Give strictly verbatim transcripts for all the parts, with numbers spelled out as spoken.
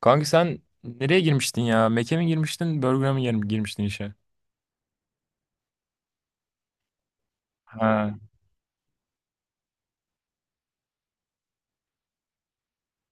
Kanka sen nereye girmiştin ya? Mac'e mi girmiştin, Burger'a mı gir- girmiştin işe? Ha.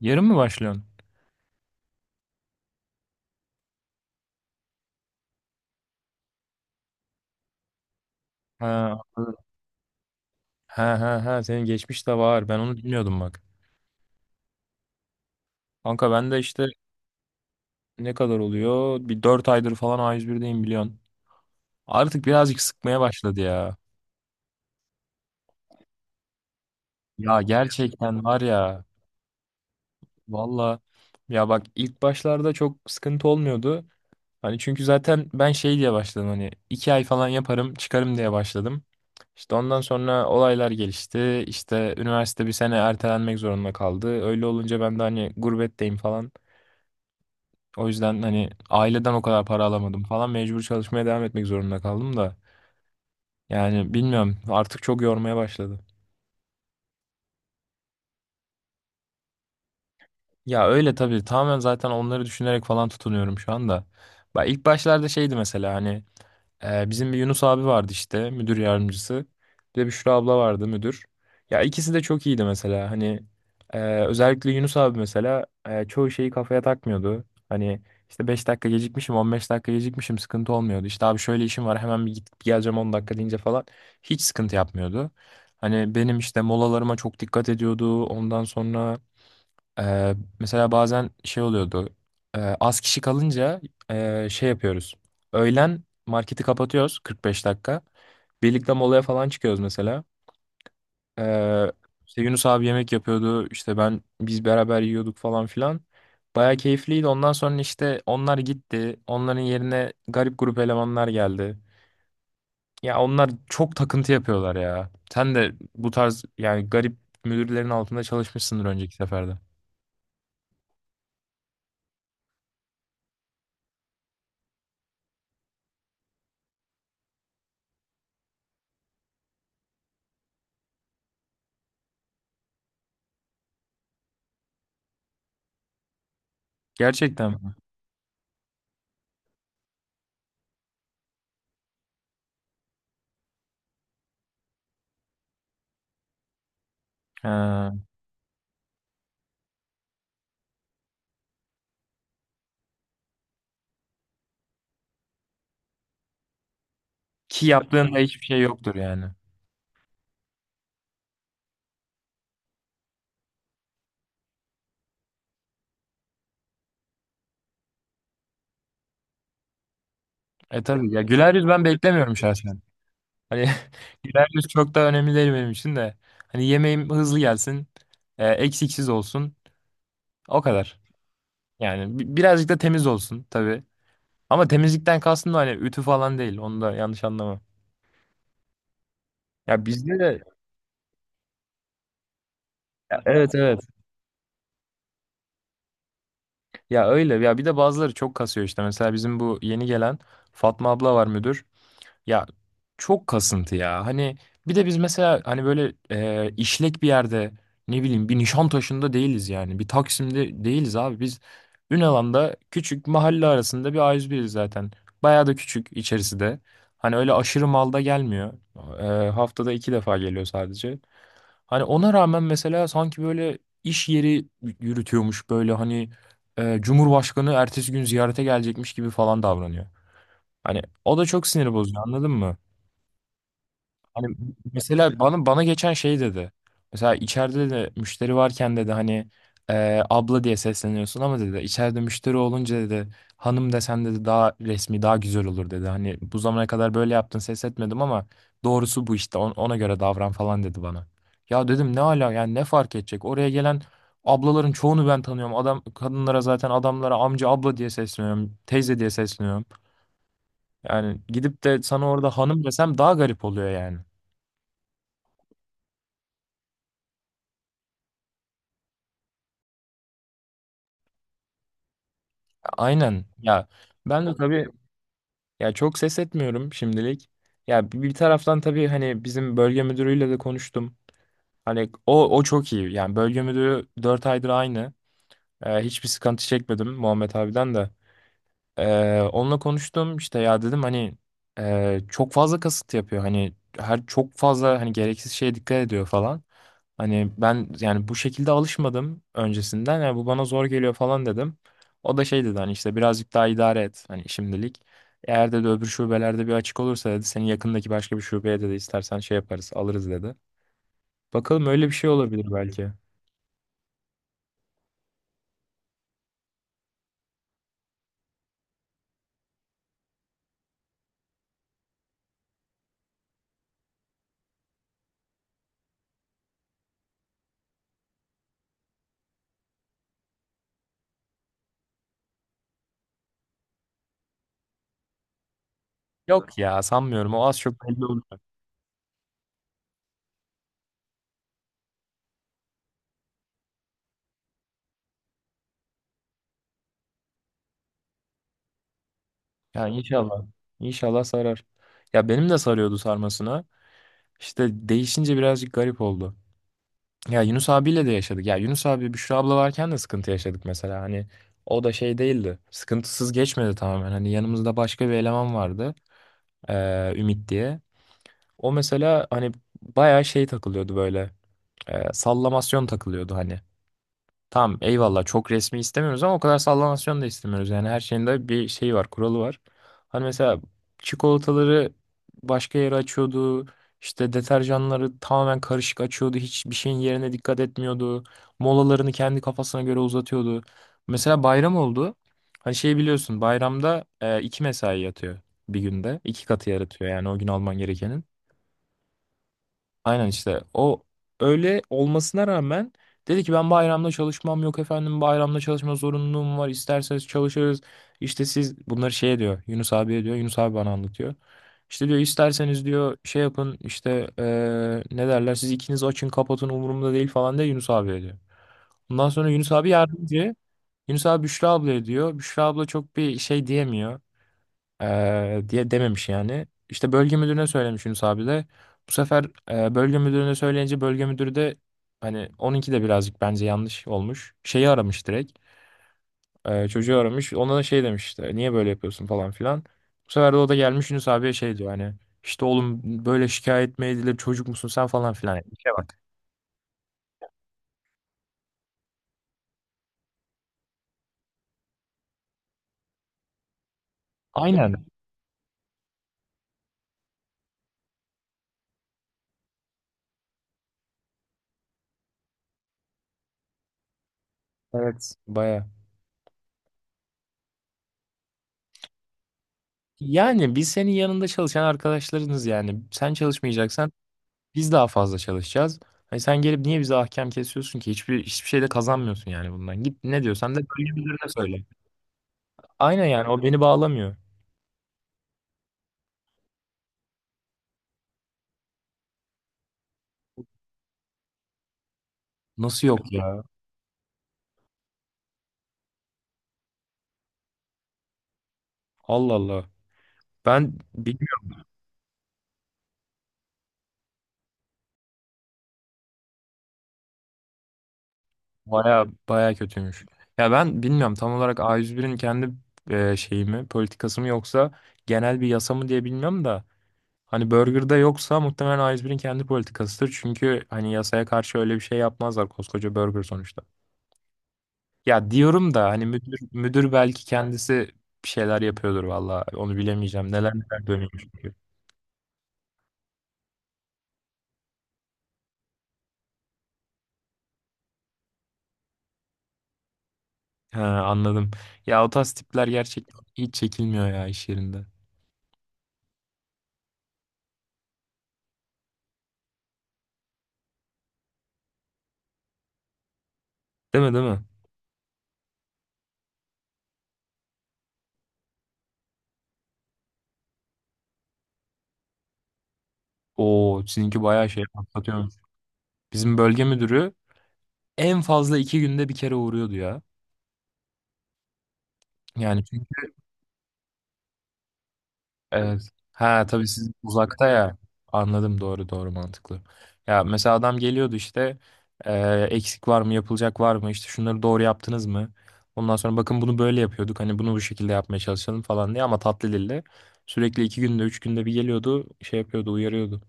Yarın mı başlıyorsun? Ha, anladım. Ha, ha, ha, senin geçmiş de var. Ben onu bilmiyordum bak. Kanka ben de işte ne kadar oluyor? Bir dört aydır falan A yüz birdeyim biliyorsun. Artık birazcık sıkmaya başladı ya. Ya gerçekten var ya. Valla. Ya bak ilk başlarda çok sıkıntı olmuyordu. Hani çünkü zaten ben şey diye başladım, hani iki ay falan yaparım çıkarım diye başladım. İşte ondan sonra olaylar gelişti. İşte üniversite bir sene ertelenmek zorunda kaldı. Öyle olunca ben de hani gurbetteyim falan. O yüzden hani aileden o kadar para alamadım falan. Mecbur çalışmaya devam etmek zorunda kaldım da. Yani bilmiyorum, artık çok yormaya başladı. Ya öyle tabii, tamamen zaten onları düşünerek falan tutunuyorum şu anda. Bak ilk başlarda şeydi mesela, hani Ee, bizim bir Yunus abi vardı işte, müdür yardımcısı. Bir de Büşra abla vardı, müdür. Ya ikisi de çok iyiydi mesela. Hani e, özellikle Yunus abi mesela e, çoğu şeyi kafaya takmıyordu. Hani işte beş dakika gecikmişim, on beş dakika gecikmişim, sıkıntı olmuyordu. İşte abi şöyle işim var, hemen bir gidip geleceğim, on dakika deyince falan hiç sıkıntı yapmıyordu. Hani benim işte molalarıma çok dikkat ediyordu. Ondan sonra ee, mesela bazen şey oluyordu. Ee, az kişi kalınca ee, şey yapıyoruz. Öğlen marketi kapatıyoruz kırk beş dakika. Birlikte molaya falan çıkıyoruz mesela. Ee, işte Yunus abi yemek yapıyordu. İşte ben biz beraber yiyorduk falan filan. Baya keyifliydi. Ondan sonra işte onlar gitti. Onların yerine garip grup elemanlar geldi. Ya onlar çok takıntı yapıyorlar ya. Sen de bu tarz yani garip müdürlerin altında çalışmışsındır önceki seferde. Gerçekten mi? Ha. Ki yaptığında hiçbir şey yoktur yani. E tabii ya, güler yüz ben beklemiyorum şahsen. Hani güler yüz çok da önemli değil benim için de. Hani yemeğim hızlı gelsin, e, eksiksiz olsun. O kadar. Yani bi- birazcık da temiz olsun tabii. Ama temizlikten kastım da hani ütü falan değil. Onu da yanlış anlama. Ya bizde de. Ya, evet, evet. Ya öyle. Ya bir de bazıları çok kasıyor işte. Mesela bizim bu yeni gelen Fatma abla var, müdür. Ya çok kasıntı ya. Hani bir de biz mesela hani böyle e, işlek bir yerde, ne bileyim, bir Nişantaşı'nda değiliz yani. Bir Taksim'de değiliz abi. Biz Ünalan'da küçük mahalle arasında bir A yüz biriz zaten. Bayağı da küçük, içerisi de. Hani öyle aşırı malda gelmiyor. E, haftada iki defa geliyor sadece. Hani ona rağmen mesela sanki böyle iş yeri yürütüyormuş, böyle hani e, Cumhurbaşkanı ertesi gün ziyarete gelecekmiş gibi falan davranıyor. Hani o da çok sinir bozucu, anladın mı? Hani mesela bana bana geçen şey dedi. Mesela içeride de müşteri varken dedi hani eee, abla diye sesleniyorsun ama dedi, içeride müşteri olunca dedi hanım desen dedi daha resmi daha güzel olur dedi. Hani bu zamana kadar böyle yaptın ses etmedim ama doğrusu bu, işte on- ona göre davran falan dedi bana. Ya dedim ne ala yani, ne fark edecek? Oraya gelen ablaların çoğunu ben tanıyorum. Adam kadınlara, zaten adamlara amca abla diye sesleniyorum, teyze diye sesleniyorum. Yani gidip de sana orada hanım desem daha garip oluyor yani. Aynen. Ya ben de tabii ya çok ses etmiyorum şimdilik. Ya bir bir taraftan tabii hani bizim bölge müdürüyle de konuştum. Hani o o çok iyi. Yani bölge müdürü dört aydır aynı. Ee, hiçbir sıkıntı çekmedim Muhammed abiden de. Ee, onunla konuştum işte, ya dedim hani e, çok fazla kasıt yapıyor, hani her çok fazla hani gereksiz şeye dikkat ediyor falan. Hani ben yani bu şekilde alışmadım öncesinden, yani bu bana zor geliyor falan dedim. O da şey dedi, hani işte birazcık daha idare et hani şimdilik. Eğer dedi öbür şubelerde bir açık olursa dedi seni yakındaki başka bir şubeye dedi istersen şey yaparız, alırız dedi. Bakalım, öyle bir şey olabilir belki. Yok ya sanmıyorum, o az çok belli. Ya inşallah. İnşallah sarar. Ya benim de sarıyordu sarmasına. İşte değişince birazcık garip oldu. Ya Yunus abiyle de yaşadık. Ya Yunus abi Büşra abla varken de sıkıntı yaşadık mesela. Hani o da şey değildi. Sıkıntısız geçmedi tamamen. Hani yanımızda başka bir eleman vardı. eee, Ümit diye. O mesela hani bayağı şey takılıyordu böyle. eee, sallamasyon takılıyordu hani. Tamam eyvallah, çok resmi istemiyoruz ama o kadar sallamasyon da istemiyoruz. Yani her şeyin de bir şeyi var, kuralı var. Hani mesela çikolataları başka yere açıyordu. İşte deterjanları tamamen karışık açıyordu. Hiçbir şeyin yerine dikkat etmiyordu. Molalarını kendi kafasına göre uzatıyordu. Mesela bayram oldu. Hani şey biliyorsun, bayramda e, iki mesai yatıyor bir günde. iki katı yaratıyor yani o gün alman gerekenin. Aynen işte o, öyle olmasına rağmen dedi ki ben bayramda çalışmam, yok efendim bayramda çalışma zorunluluğum var, isterseniz çalışırız. İşte siz bunları şey diyor Yunus abiye, diyor Yunus abi bana anlatıyor. İşte diyor isterseniz diyor şey yapın işte eee, ne derler, siz ikiniz açın kapatın umurumda değil falan diye Yunus abiye diyor. Ondan sonra Yunus abi yardımcı Yunus abi Büşra ablaya diyor, Büşra abla çok bir şey diyemiyor. Eee, diye dememiş yani. İşte bölge müdürüne söylemiş Yunus abi de. Bu sefer eee, bölge müdürüne söyleyince bölge müdürü de, hani onunki de birazcık bence yanlış olmuş. Şeyi aramış direkt. Eee, çocuğu aramış. Ona da şey demiş işte, niye böyle yapıyorsun falan filan. Bu sefer de o da gelmiş Yunus abiye şey diyor, hani işte oğlum böyle şikayet mi edilir, çocuk musun sen falan filan. Yani İşe bak. Aynen. Evet. Baya. Yani biz senin yanında çalışan arkadaşlarınız yani. Sen çalışmayacaksan biz daha fazla çalışacağız. Hani sen gelip niye bize ahkam kesiyorsun ki? Hiçbir hiçbir şey de kazanmıyorsun yani bundan. Git ne diyorsan da böyle birilerine söyle. Aynen, yani o beni bağlamıyor. Nasıl yok ya? Allah Allah. Ben bilmiyorum, baya baya kötüymüş. Ya ben bilmiyorum tam olarak A yüz birin kendi e, şeyi mi, politikası mı, yoksa genel bir yasa mı diye bilmiyorum da. Hani Burger'da yoksa muhtemelen A yüz birin kendi politikasıdır. Çünkü hani yasaya karşı öyle bir şey yapmazlar koskoca Burger sonuçta. Ya diyorum da hani müdür müdür belki kendisi bir şeyler yapıyordur valla. Onu bilemeyeceğim. Neler neler dönüyormuş çünkü. Ha, anladım. Ya o tarz tipler gerçekten hiç çekilmiyor ya iş yerinde. Değil mi, değil mi? Oo sizinki bayağı şey patlatıyormuş. Bizim bölge müdürü en fazla iki günde bir kere uğruyordu ya. Yani. Evet. Ha tabii, siz uzakta ya. Anladım, doğru doğru, mantıklı. Ya mesela adam geliyordu işte, e, eksik var mı, yapılacak var mı, işte şunları doğru yaptınız mı? Ondan sonra bakın bunu böyle yapıyorduk, hani bunu bu şekilde yapmaya çalışalım falan diye, ama tatlı dille. Sürekli iki günde üç günde bir geliyordu, şey yapıyordu, uyarıyordu.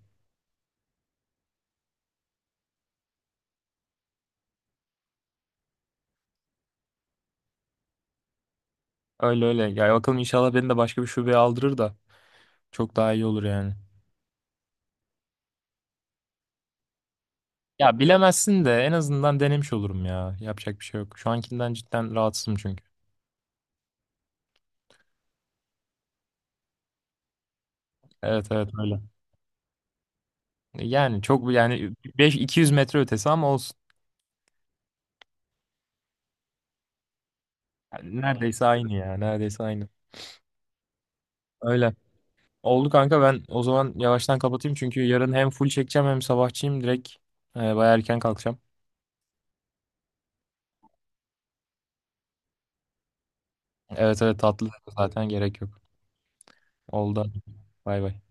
Öyle öyle ya, bakalım inşallah beni de başka bir şubeye aldırır da çok daha iyi olur yani. Ya bilemezsin de en azından denemiş olurum, ya yapacak bir şey yok. Şu ankinden cidden rahatsızım çünkü. Evet evet, öyle. Yani çok, yani beş bin iki yüz metre ötesi ama olsun. Yani neredeyse aynı ya. Neredeyse aynı. Öyle. Oldu kanka, ben o zaman yavaştan kapatayım çünkü yarın hem full çekeceğim hem sabahçıyım direkt. E, bayağı erken kalkacağım. Evet evet, tatlı zaten, gerek yok. Oldu. Bay bay.